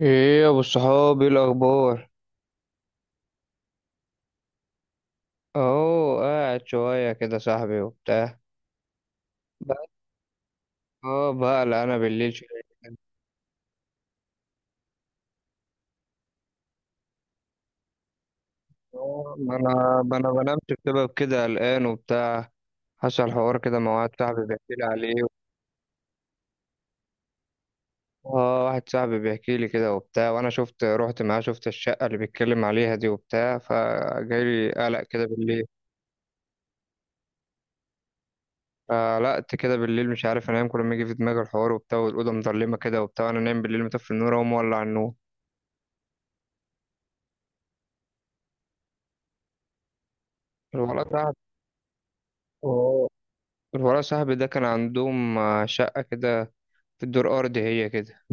ايه يا ابو الصحاب؟ ايه الاخبار؟ اهو قاعد شويه كده صاحبي وبتاع بقى. اه، بقلق انا بالليل شويه. آه، ما انا بنامش بسبب كده، قلقان وبتاع. حصل حوار كده مع واحد صاحبي بيحكي لي عليه. اه، واحد صاحبي بيحكي لي كده وبتاع، وانا شفت، رحت معاه، شفت الشقه اللي بيتكلم عليها دي وبتاع، فجاي لي قلق كده بالليل. قلقت كده بالليل، مش عارف انام، كل ما يجي في دماغي الحوار وبتاع والاوضه مضلمه كده وبتاع. انا نايم بالليل مطفي النور، اقوم مولع النور. الولد قعد الورا. صاحبي ده كان عندهم شقة كده، في الدور أرضي هي كده.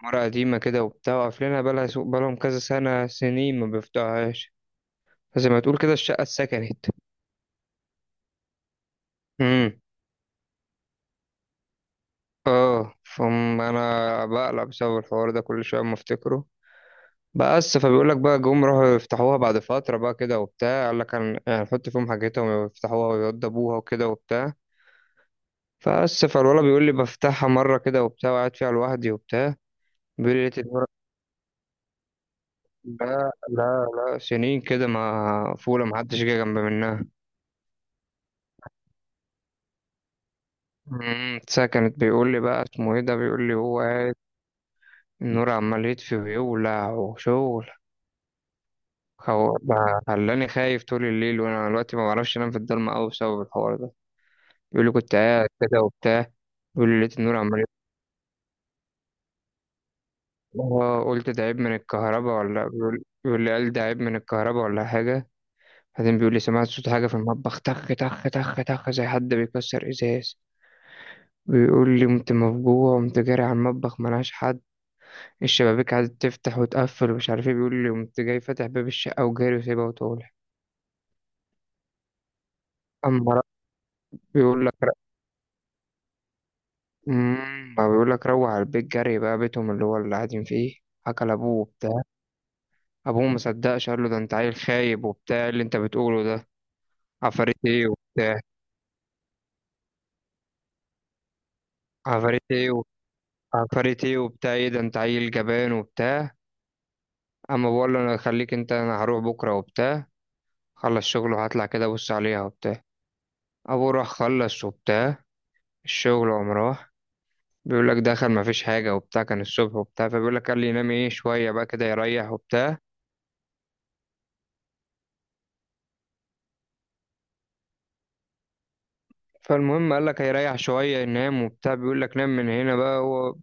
عمارة قديمة كده وبتاع، وقافلينها بقالها بقالهم كذا سنة، سنين ما بيفتحوهاش. فزي ما تقول كده الشقة اتسكنت. امم. اه، انا بقلق بسبب الحوار ده كل شويه اما افتكره. بس، فبيقول لك بقى جم راحوا يفتحوها بعد فتره بقى كده وبتاع. قال لك يعني هنحط فيهم حاجتهم ويفتحوها ويوضبوها وكده وبتاع. فبس، فالولا بيقول لي بفتحها مره كده وبتاع، وقاعد فيها لوحدي وبتاع. بيقول لي لقيت. لا، لا، لا، سنين كده ما فولة محدش جه جنب منها. امم، ساعة. بيقول لي بقى اسمه ايه ده. بيقول لي هو قاعد، النور عمال يطفي ويولع وشغل. هو بقى خلاني خايف طول الليل، وانا دلوقتي ما بعرفش انام في الضلمة قوي بسبب الحوار ده. بيقول لي كنت قاعد كده وبتاع. بيقول لي لقيت النور عمال يطفي. آه، قلت ده عيب من الكهرباء، ولا بيقول لي قال ده عيب من الكهرباء ولا حاجة. بعدين بيقول لي سمعت صوت حاجة في المطبخ، تخ تخ تخ تخ، زي حد بيكسر ازاز. بيقول لي قمت مفجوع، قمت جاري على المطبخ، ملهاش حد. الشبابيك قعدت تفتح وتقفل ومش عارف ايه. بيقول لي قمت جاي فاتح باب الشقة وجاري وسايبها وطالع. أما ر- بيقول لك ما بيقول لك روح على البيت جري بقى، بيتهم اللي هو اللي قاعدين فيه. حكى لأبوه وبتاع. أبوه مصدقش، قال له ده أنت عيل خايب وبتاع، إيه اللي أنت بتقوله ده؟ عفاريت إيه وبتاع؟ عفاريت إيه و... عفاريت إيه وبتاع؟ إيه ده، أنت عيل جبان وبتاع. أما بقول له أنا خليك أنت، أنا هروح بكرة وبتاع. خلص شغله وهطلع كده بص عليها وبتاع. ابوه راح خلص وبتاع الشغل، وقام راح. بيقول لك دخل ما فيش حاجه وبتاع، كان الصبح وبتاع. فبيقول لك قال لي ينام ايه شويه بقى كده يريح وبتاع. فالمهم، قال لك هيريح شويه ينام وبتاع. بيقول لك نام من هنا بقى هو.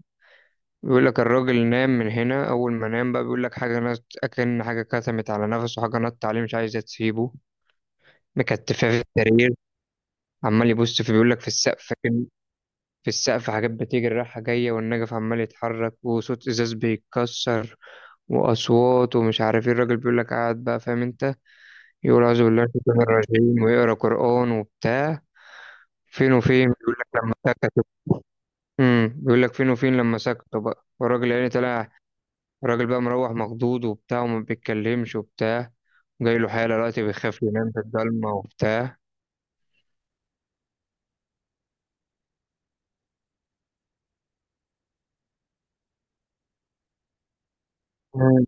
بيقول لك الراجل نام من هنا. اول ما نام بقى، بيقول لك حاجه نط، اكن حاجه كتمت على نفسه، حاجه نط عليه مش عايزه تسيبه، مكتفاه في السرير. عمال يبص في، بيقول لك، في السقف. في السقف حاجات بتجري رايحة جاية، والنجف عمال يتحرك، وصوت إزاز بيتكسر وأصوات ومش عارف ايه. الراجل بيقول لك قاعد بقى، فاهم انت؟ يقول أعوذ بالله من الشيطان الرجيم، ويقرأ قرآن وبتاع. فين وفين بيقول لك لما سكتوا. بيقول لك فين وفين لما سكتوا بقى، والراجل يعني طلع. الراجل بقى مروح مخضوض وبتاع، وما بيتكلمش وبتاع. جاي له حالة دلوقتي بيخاف ينام في الضلمة وبتاع. مم.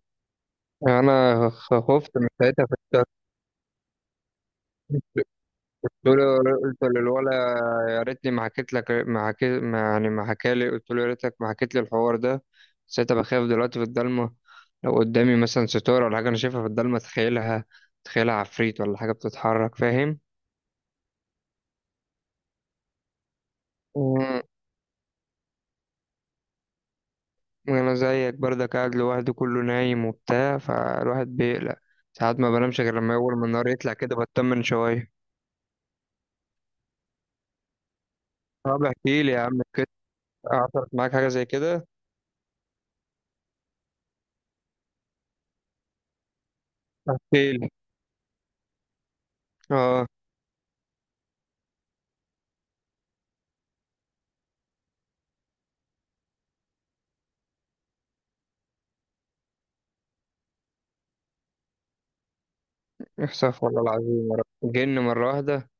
أنا خفت من ساعتها في الشر. دول. قلت للولد يا ريتني ما حكيت لك، ما حكيت، ما يعني، ما حكالي. قلت له يا ريتك ما حكيت لي الحوار ده. بس أنا بخاف دلوقتي في الضلمه. لو قدامي مثلا ستاره ولا حاجه انا شايفها في الضلمه تخيلها عفريت ولا حاجه بتتحرك، فاهم؟ مم. انا زيك برضك قاعد لوحدي، كله نايم وبتاع، فالواحد بيقلق. ساعات ما بنامش غير لما اول ما النهار يطلع كده بطمن شويه. طب احكي لي يا عم، حصلت معاك حاجه زي كده؟ احكي لي. اه، احسف والله العظيم، جن مره واحده؟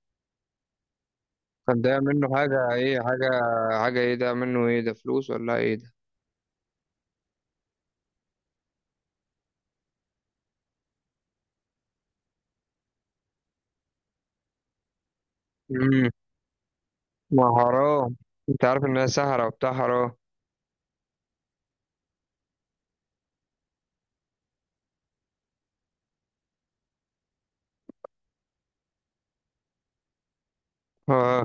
كان ده منه حاجة ايه؟ حاجة، حاجة ايه ده منه؟ ايه ده، فلوس ولا ايه ده؟ امم. ما حرام، انت عارف انها سهرة وبتاع، حرام. اه.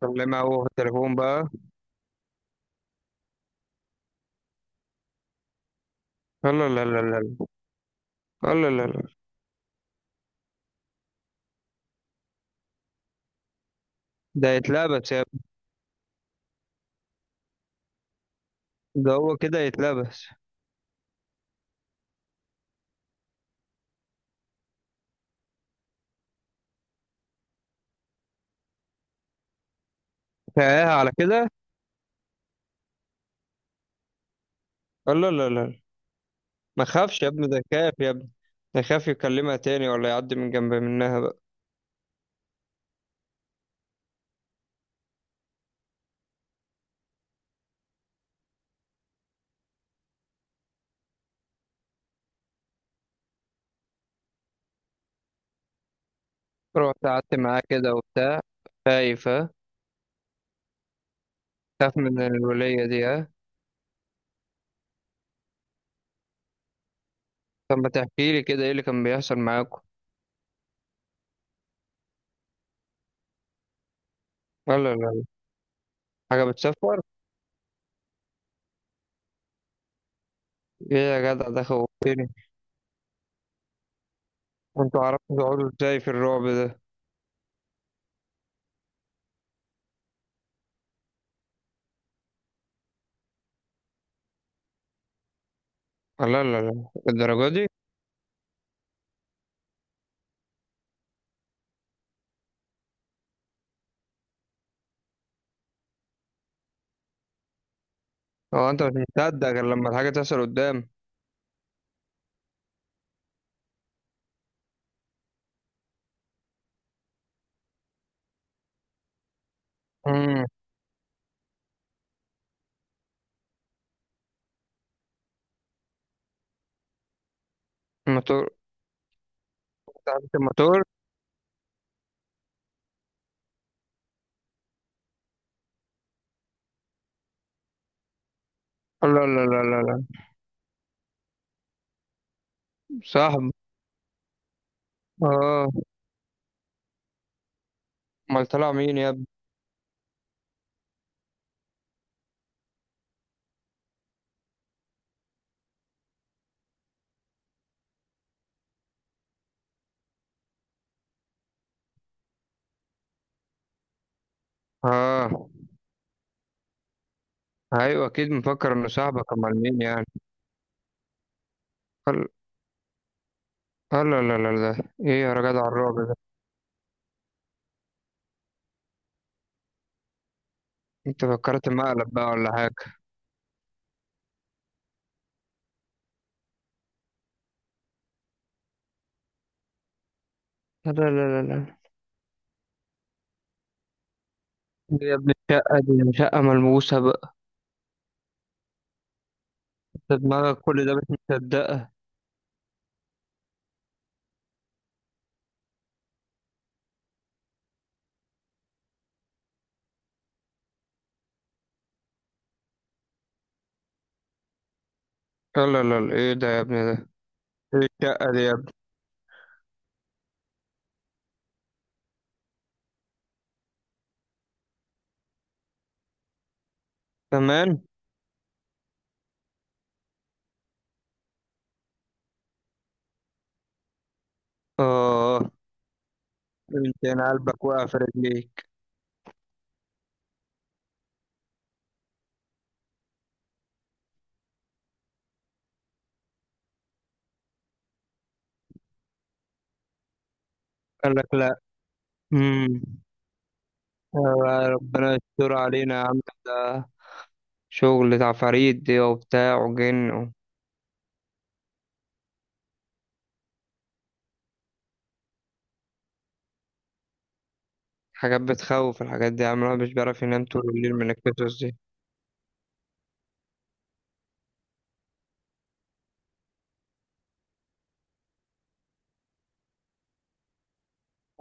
كلمها هو في التليفون بقى؟ لا، لا، لا، لا، لا، لا، لا، لا، لا. ده يتلبس يا ابني، ده هو كده يتلبس. فايه على كده؟ لا، لا، لا، لا. ما خافش يا ابني؟ ده خاف يا ابني، ده خاف يكلمها تاني ولا يعدي من جنب منها بقى. رحت قعدت معاه كده وبتاع؟ خايف، ها؟ خاف من الولية دي، ها؟ طب ما تحكي لي كده ايه اللي كان بيحصل معاكم. لا، لا، لا، حاجة بتسفر؟ ايه يا جدع، ده خوفتني. وانتوا عرفتوا تقعدوا ازاي في الرعب ده؟ لا، لا، لا، الدرجة دي؟ هو انت مش مصدق غير لما الحاجة تحصل قدام؟ امم. الموتور؟ تعبت الموتور. لا، لا، لا، لا، لا. صاحبي. اه. امال طلع مين يا ابني؟ اه. ايوه، اكيد مفكر انه صاحبك، امال مين يعني؟ قال. لا، لا، لا، لا، ده ايه يا جدع الرعب ده؟ انت فكرت مقلب بقى ولا حاجة؟ لا، لا، لا، لا، لا. دي يا ابني، الشقة دي شقة ملموسة بقى. ده دماغك كل ده مش مصدقة. لا، لا، لا، ايه ده يا ابني ده؟ ايه الشقة دي يا ابني؟ كمان. اه. انت، انا قلبك وقع في رجليك. قال لك لا. امم. آه، ربنا يستر علينا يا عم، ده شغل عفاريت دي وبتاع وجن. حاجات بتخوف الحاجات دي يا عم، الواحد مش بيعرف ينام طول الليل من القصص دي.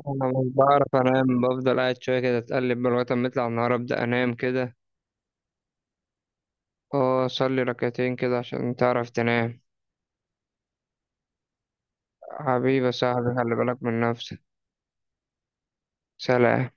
انا مش بعرف انام، بفضل قاعد شويه كده، اتقلب من لغايه ما يطلع النهار، ابدا انام كده. اه، صلي ركعتين كده عشان تعرف تنام. حبيبي يا صاحبي، خلي بالك من نفسك. سلام.